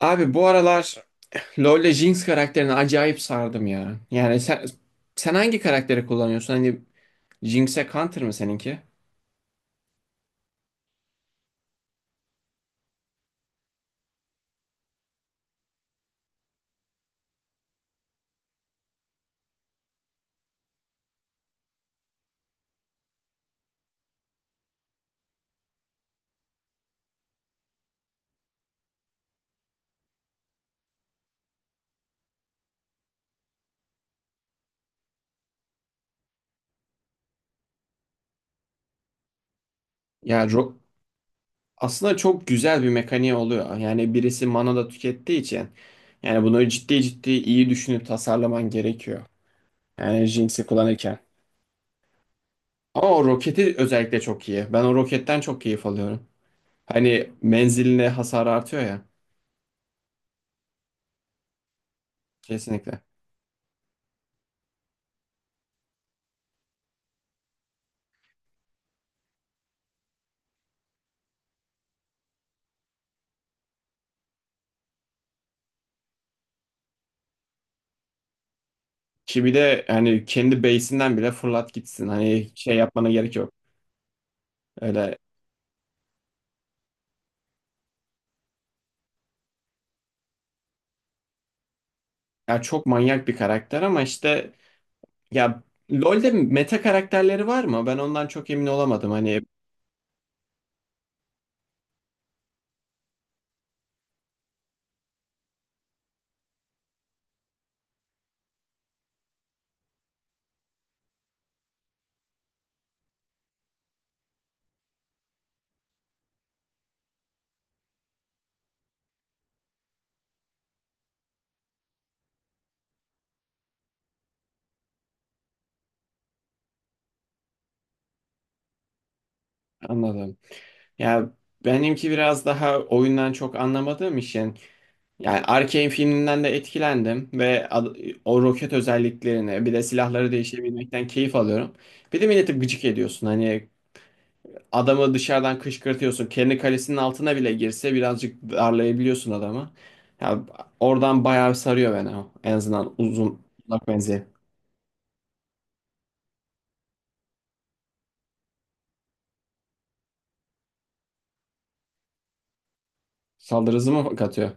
Abi bu aralar LoL'le Jinx karakterini acayip sardım ya. Yani sen hangi karakteri kullanıyorsun? Hani Jinx'e counter mı seninki? Ya ro- aslında çok güzel bir mekaniği oluyor. Yani birisi mana da tükettiği için yani bunu ciddi ciddi iyi düşünüp tasarlaman gerekiyor. Yani Jinx'i kullanırken. Ama o roketi özellikle çok iyi. Ben o roketten çok keyif alıyorum. Hani menziline hasar artıyor ya. Kesinlikle. Ki bir de hani kendi base'inden bile fırlat gitsin. Hani şey yapmana gerek yok. Öyle ya, çok manyak bir karakter ama işte ya, LoL'de meta karakterleri var mı? Ben ondan çok emin olamadım. Hani anladım. Ya, benimki biraz daha oyundan çok anlamadığım için yani Arcane filminden de etkilendim ve o roket özelliklerini bir de silahları değişebilmekten keyif alıyorum. Bir de milleti gıcık ediyorsun. Hani adamı dışarıdan kışkırtıyorsun. Kendi kalesinin altına bile girse birazcık darlayabiliyorsun adamı. Ya, oradan bayağı sarıyor beni o. En azından uzun uzak menzil. Saldırı hızı mı katıyor?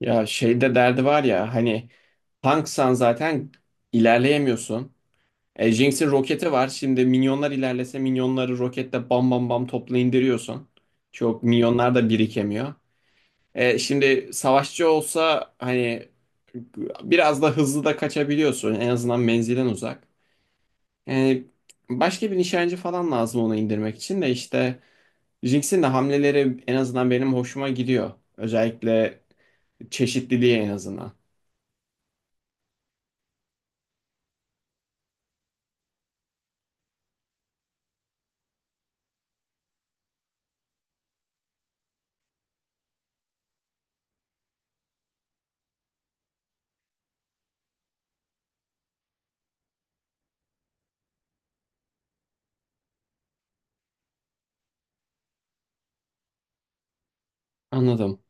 Ya şeyde derdi var ya, hani tanksan zaten ilerleyemiyorsun. E, Jinx'in roketi var. Şimdi minyonlar ilerlese minyonları roketle bam bam bam topla indiriyorsun. Çok minyonlar da birikemiyor. E, şimdi savaşçı olsa hani biraz da hızlı da kaçabiliyorsun. En azından menzilden uzak. Yani başka bir nişancı falan lazım onu indirmek için de işte Jinx'in de hamleleri en azından benim hoşuma gidiyor. Özellikle çeşitliliği en azından. Anladım.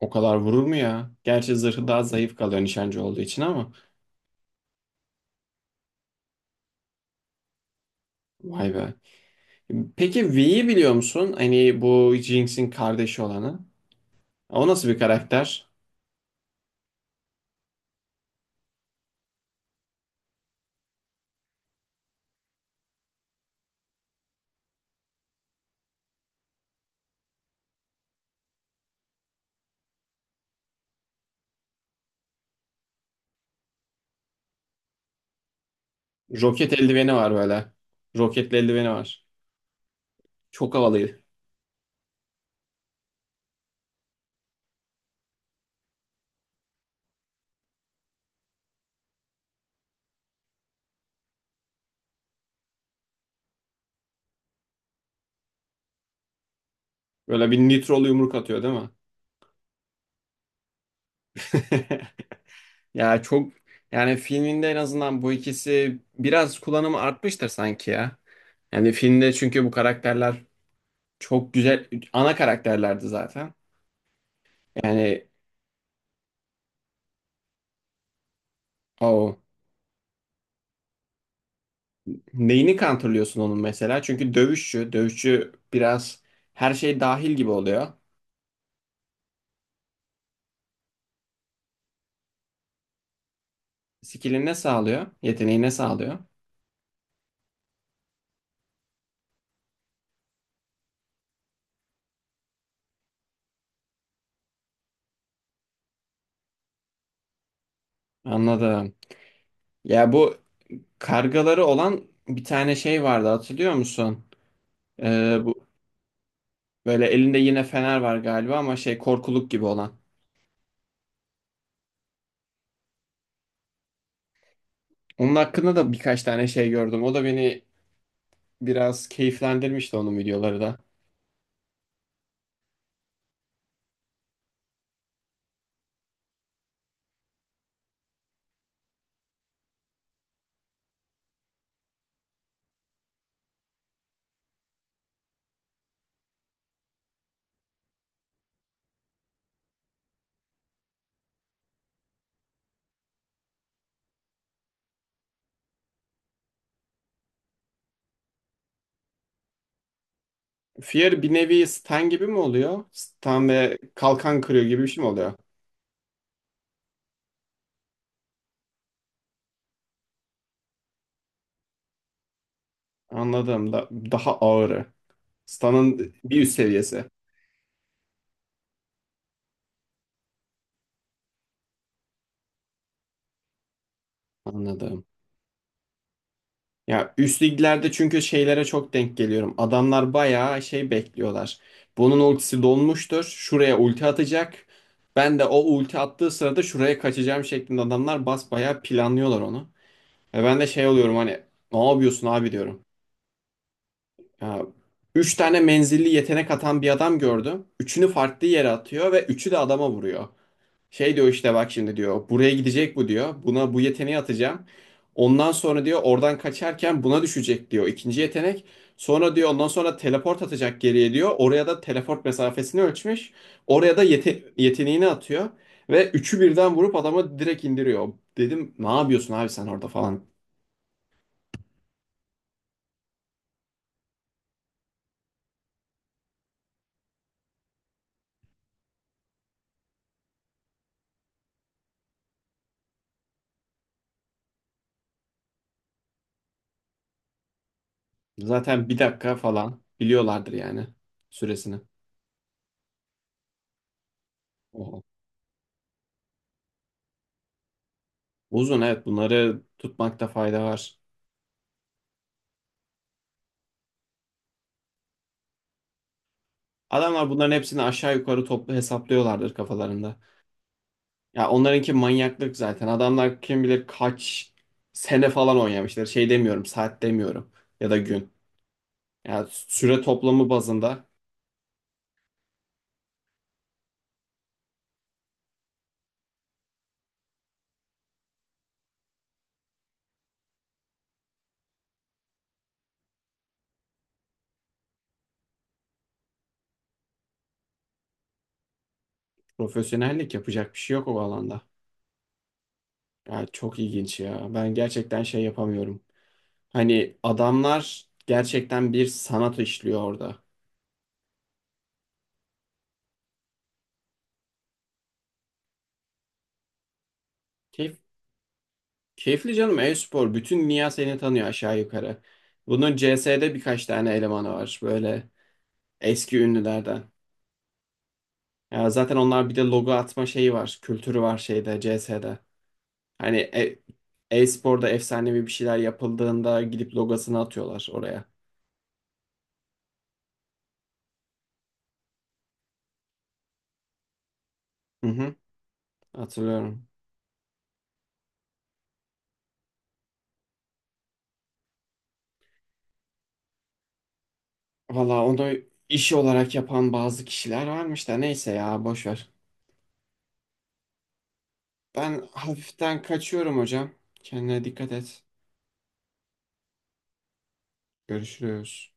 O kadar vurur mu ya? Gerçi zırhı daha zayıf kalıyor nişancı olduğu için ama vay be. Peki V'yi biliyor musun? Hani bu Jinx'in kardeşi olanı. O nasıl bir karakter? Roket eldiveni var böyle. Roketli eldiveni var. Çok havalıydı. Böyle bir nitrolu yumruk atıyor değil mi? Ya çok, yani filminde en azından bu ikisi biraz kullanımı artmıştır sanki ya. Yani filmde çünkü bu karakterler çok güzel ana karakterlerdi zaten. Yani o neyini kontrolüyorsun onun mesela? Çünkü dövüşçü, dövüşçü biraz her şey dahil gibi oluyor. Skill'i ne sağlıyor? Yeteneği ne sağlıyor? Anladım. Ya bu kargaları olan bir tane şey vardı, hatırlıyor musun? Bu böyle elinde yine fener var galiba ama şey korkuluk gibi olan. Onun hakkında da birkaç tane şey gördüm. O da beni biraz keyiflendirmişti, onun videoları da. Fear bir nevi Stan gibi mi oluyor? Stan ve kalkan kırıyor gibi bir şey mi oluyor? Anladım. Daha ağırı. Stan'ın bir üst seviyesi. Anladım. Ya üst liglerde çünkü şeylere çok denk geliyorum. Adamlar bayağı şey bekliyorlar. Bunun ultisi dolmuştur. Şuraya ulti atacak. Ben de o ulti attığı sırada şuraya kaçacağım şeklinde adamlar basbayağı planlıyorlar onu. E ben de şey oluyorum hani ne yapıyorsun abi diyorum. Ya, üç tane menzilli yetenek atan bir adam gördüm. Üçünü farklı yere atıyor ve üçü de adama vuruyor. Şey diyor işte bak şimdi diyor buraya gidecek bu diyor. Buna bu yeteneği atacağım. Ondan sonra diyor oradan kaçarken buna düşecek diyor ikinci yetenek. Sonra diyor ondan sonra teleport atacak geriye diyor. Oraya da teleport mesafesini ölçmüş. Oraya da yeteneğini atıyor. Ve üçü birden vurup adamı direkt indiriyor. Dedim ne yapıyorsun abi sen orada falan. Zaten bir dakika falan biliyorlardır yani süresini. Oha. Uzun, evet bunları tutmakta fayda var. Adamlar bunların hepsini aşağı yukarı toplu hesaplıyorlardır kafalarında. Ya onlarınki manyaklık zaten. Adamlar kim bilir kaç sene falan oynamışlar. Şey demiyorum, saat demiyorum ya da gün. Ya süre toplamı bazında profesyonellik yapacak bir şey yok o alanda. Ya çok ilginç ya. Ben gerçekten şey yapamıyorum. Hani adamlar gerçekten bir sanat işliyor orada. Keyif, keyifli canım e-spor. Bütün dünya seni tanıyor aşağı yukarı. Bunun CS'de birkaç tane elemanı var böyle eski ünlülerden. Ya zaten onlar bir de logo atma şeyi var. Kültürü var şeyde CS'de. Hani e-sporda efsanevi bir şeyler yapıldığında gidip logosunu atıyorlar oraya. Hı hı, hatırlıyorum. Valla onu iş olarak yapan bazı kişiler varmış da neyse ya boş ver. Ben hafiften kaçıyorum hocam. Kendine dikkat et. Görüşürüz.